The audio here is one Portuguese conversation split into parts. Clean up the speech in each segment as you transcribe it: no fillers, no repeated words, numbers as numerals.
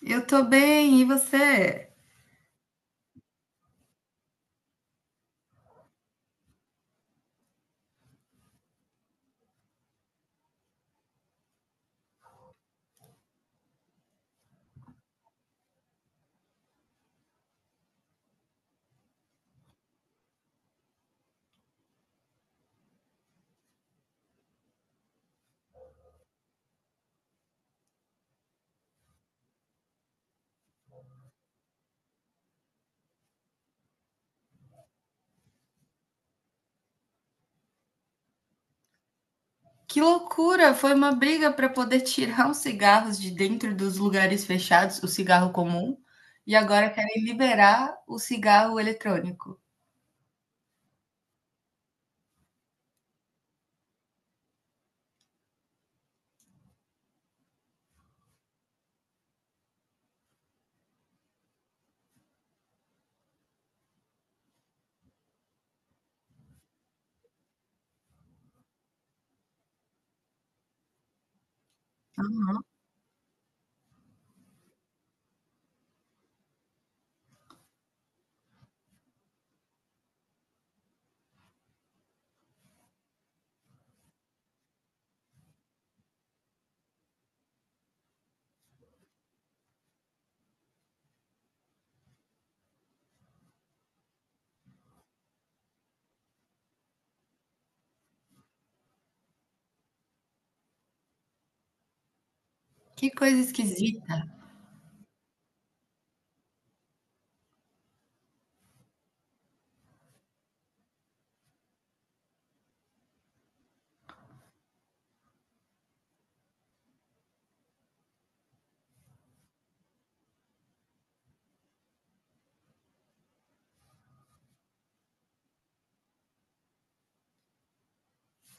Eu tô bem, e você? Que loucura! Foi uma briga para poder tirar os cigarros de dentro dos lugares fechados, o cigarro comum, e agora querem liberar o cigarro eletrônico. Que coisa esquisita.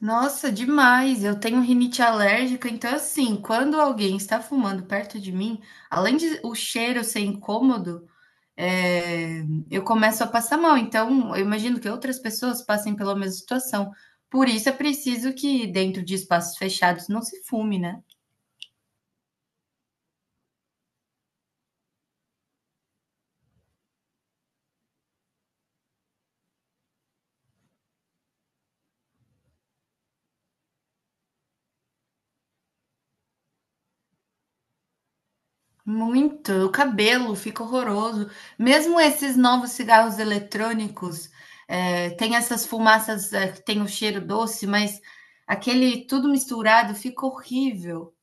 Nossa, demais. Eu tenho rinite alérgica, então assim, quando alguém está fumando perto de mim, além de o cheiro ser incômodo, é, eu começo a passar mal. Então, eu imagino que outras pessoas passem pela mesma situação. Por isso é preciso que, dentro de espaços fechados, não se fume, né? Muito. O cabelo fica horroroso. Mesmo esses novos cigarros eletrônicos, tem essas fumaças que tem o cheiro doce, mas aquele tudo misturado fica horrível.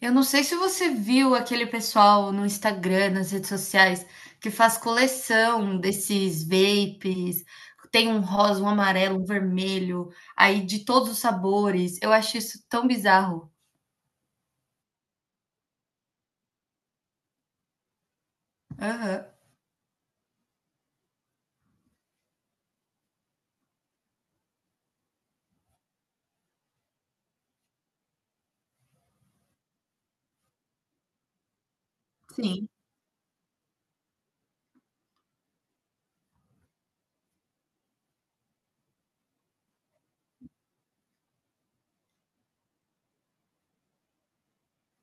Eu não sei se você viu aquele pessoal no Instagram, nas redes sociais, que faz coleção desses vapes. Tem um rosa, um amarelo, um vermelho, aí de todos os sabores. Eu acho isso tão bizarro. Aham. Sim.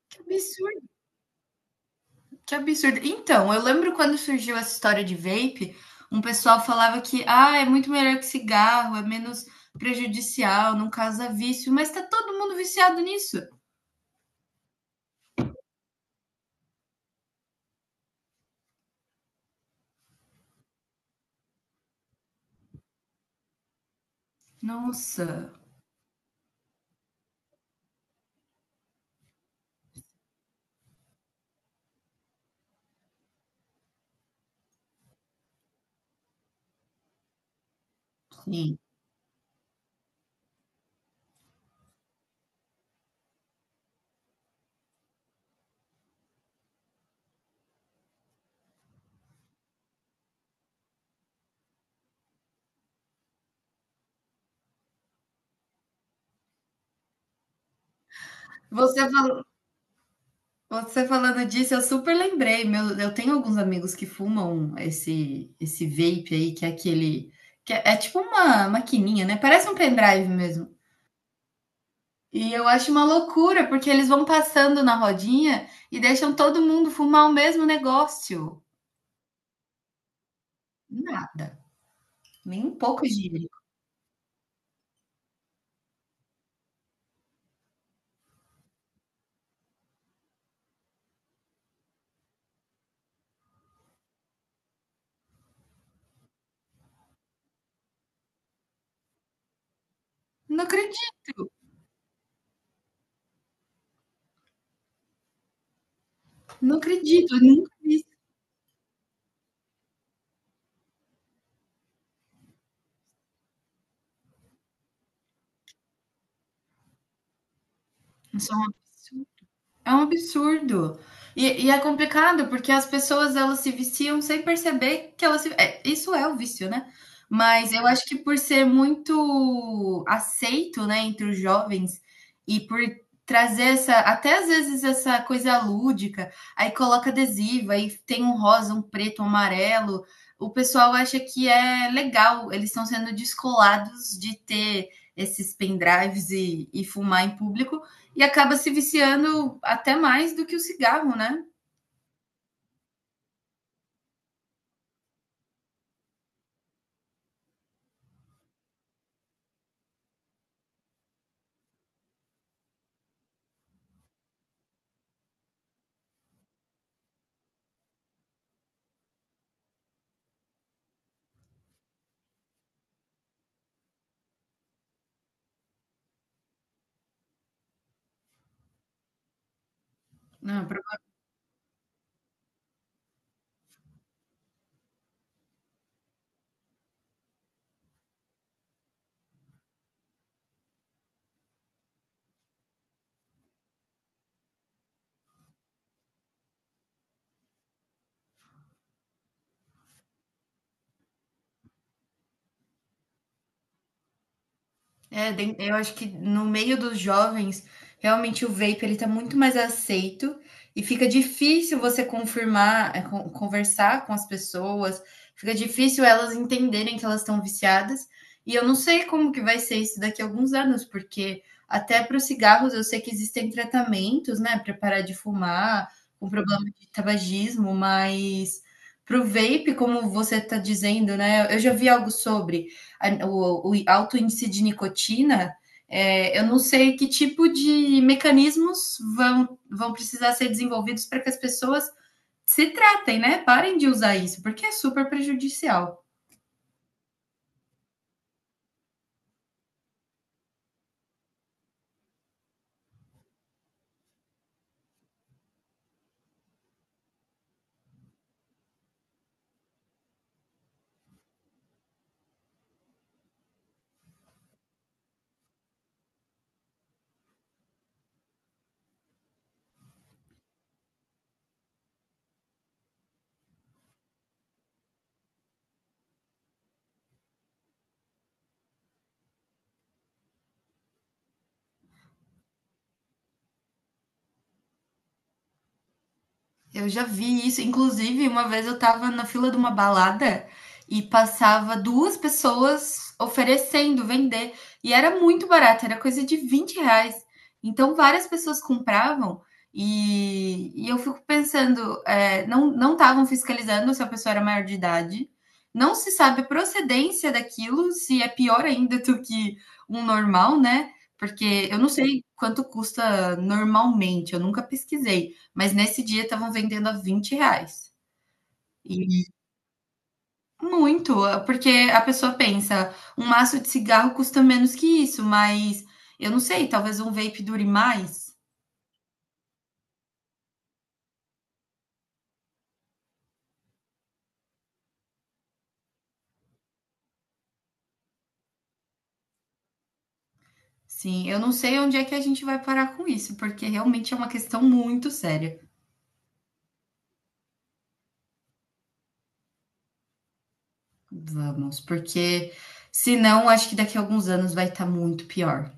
Que absurdo, que absurdo. Então, eu lembro quando surgiu essa história de vape, um pessoal falava que, ah, é muito melhor que cigarro, é menos prejudicial, não causa vício, mas tá todo mundo viciado nisso. Nossa. Sim. Você Você falando disso, eu super lembrei. Meu, eu tenho alguns amigos que fumam esse vape aí, que é aquele. Que é, é tipo uma maquininha, né? Parece um pendrive mesmo. E eu acho uma loucura, porque eles vão passando na rodinha e deixam todo mundo fumar o mesmo negócio. Nada. Nem um pouco higiênico. Não acredito. Não acredito. Eu nunca vi isso. Isso é um absurdo. É um absurdo. E é complicado porque as pessoas elas se viciam sem perceber que elas se... é, isso é o vício, né? Mas eu acho que por ser muito aceito, né, entre os jovens e por trazer essa, até às vezes essa coisa lúdica, aí coloca adesivo, aí tem um rosa, um preto, um amarelo, o pessoal acha que é legal, eles estão sendo descolados de ter esses pendrives e fumar em público e acaba se viciando até mais do que o cigarro, né? Não. É, eu acho que no meio dos jovens, realmente o vape ele está muito mais aceito e fica difícil você confirmar, é, conversar com as pessoas, fica difícil elas entenderem que elas estão viciadas. E eu não sei como que vai ser isso daqui a alguns anos, porque até para os cigarros eu sei que existem tratamentos, né, para parar de fumar, com problema de tabagismo, mas para o vape, como você está dizendo, né, eu já vi algo sobre o alto índice de nicotina, eu não sei que tipo de mecanismos vão precisar ser desenvolvidos para que as pessoas se tratem, né? Parem de usar isso, porque é super prejudicial. Eu já vi isso. Inclusive, uma vez eu tava na fila de uma balada e passava duas pessoas oferecendo vender. E era muito barato, era coisa de R$ 20. Então, várias pessoas compravam e eu fico pensando, é, não estavam fiscalizando se a pessoa era maior de idade. Não se sabe a procedência daquilo, se é pior ainda do que um normal, né? Porque eu não sei quanto custa normalmente, eu nunca pesquisei. Mas nesse dia estavam vendendo a R$ 20. E muito, porque a pessoa pensa, um maço de cigarro custa menos que isso, mas eu não sei, talvez um vape dure mais. Sim, eu não sei onde é que a gente vai parar com isso, porque realmente é uma questão muito séria. Vamos, porque senão acho que daqui a alguns anos vai estar muito pior.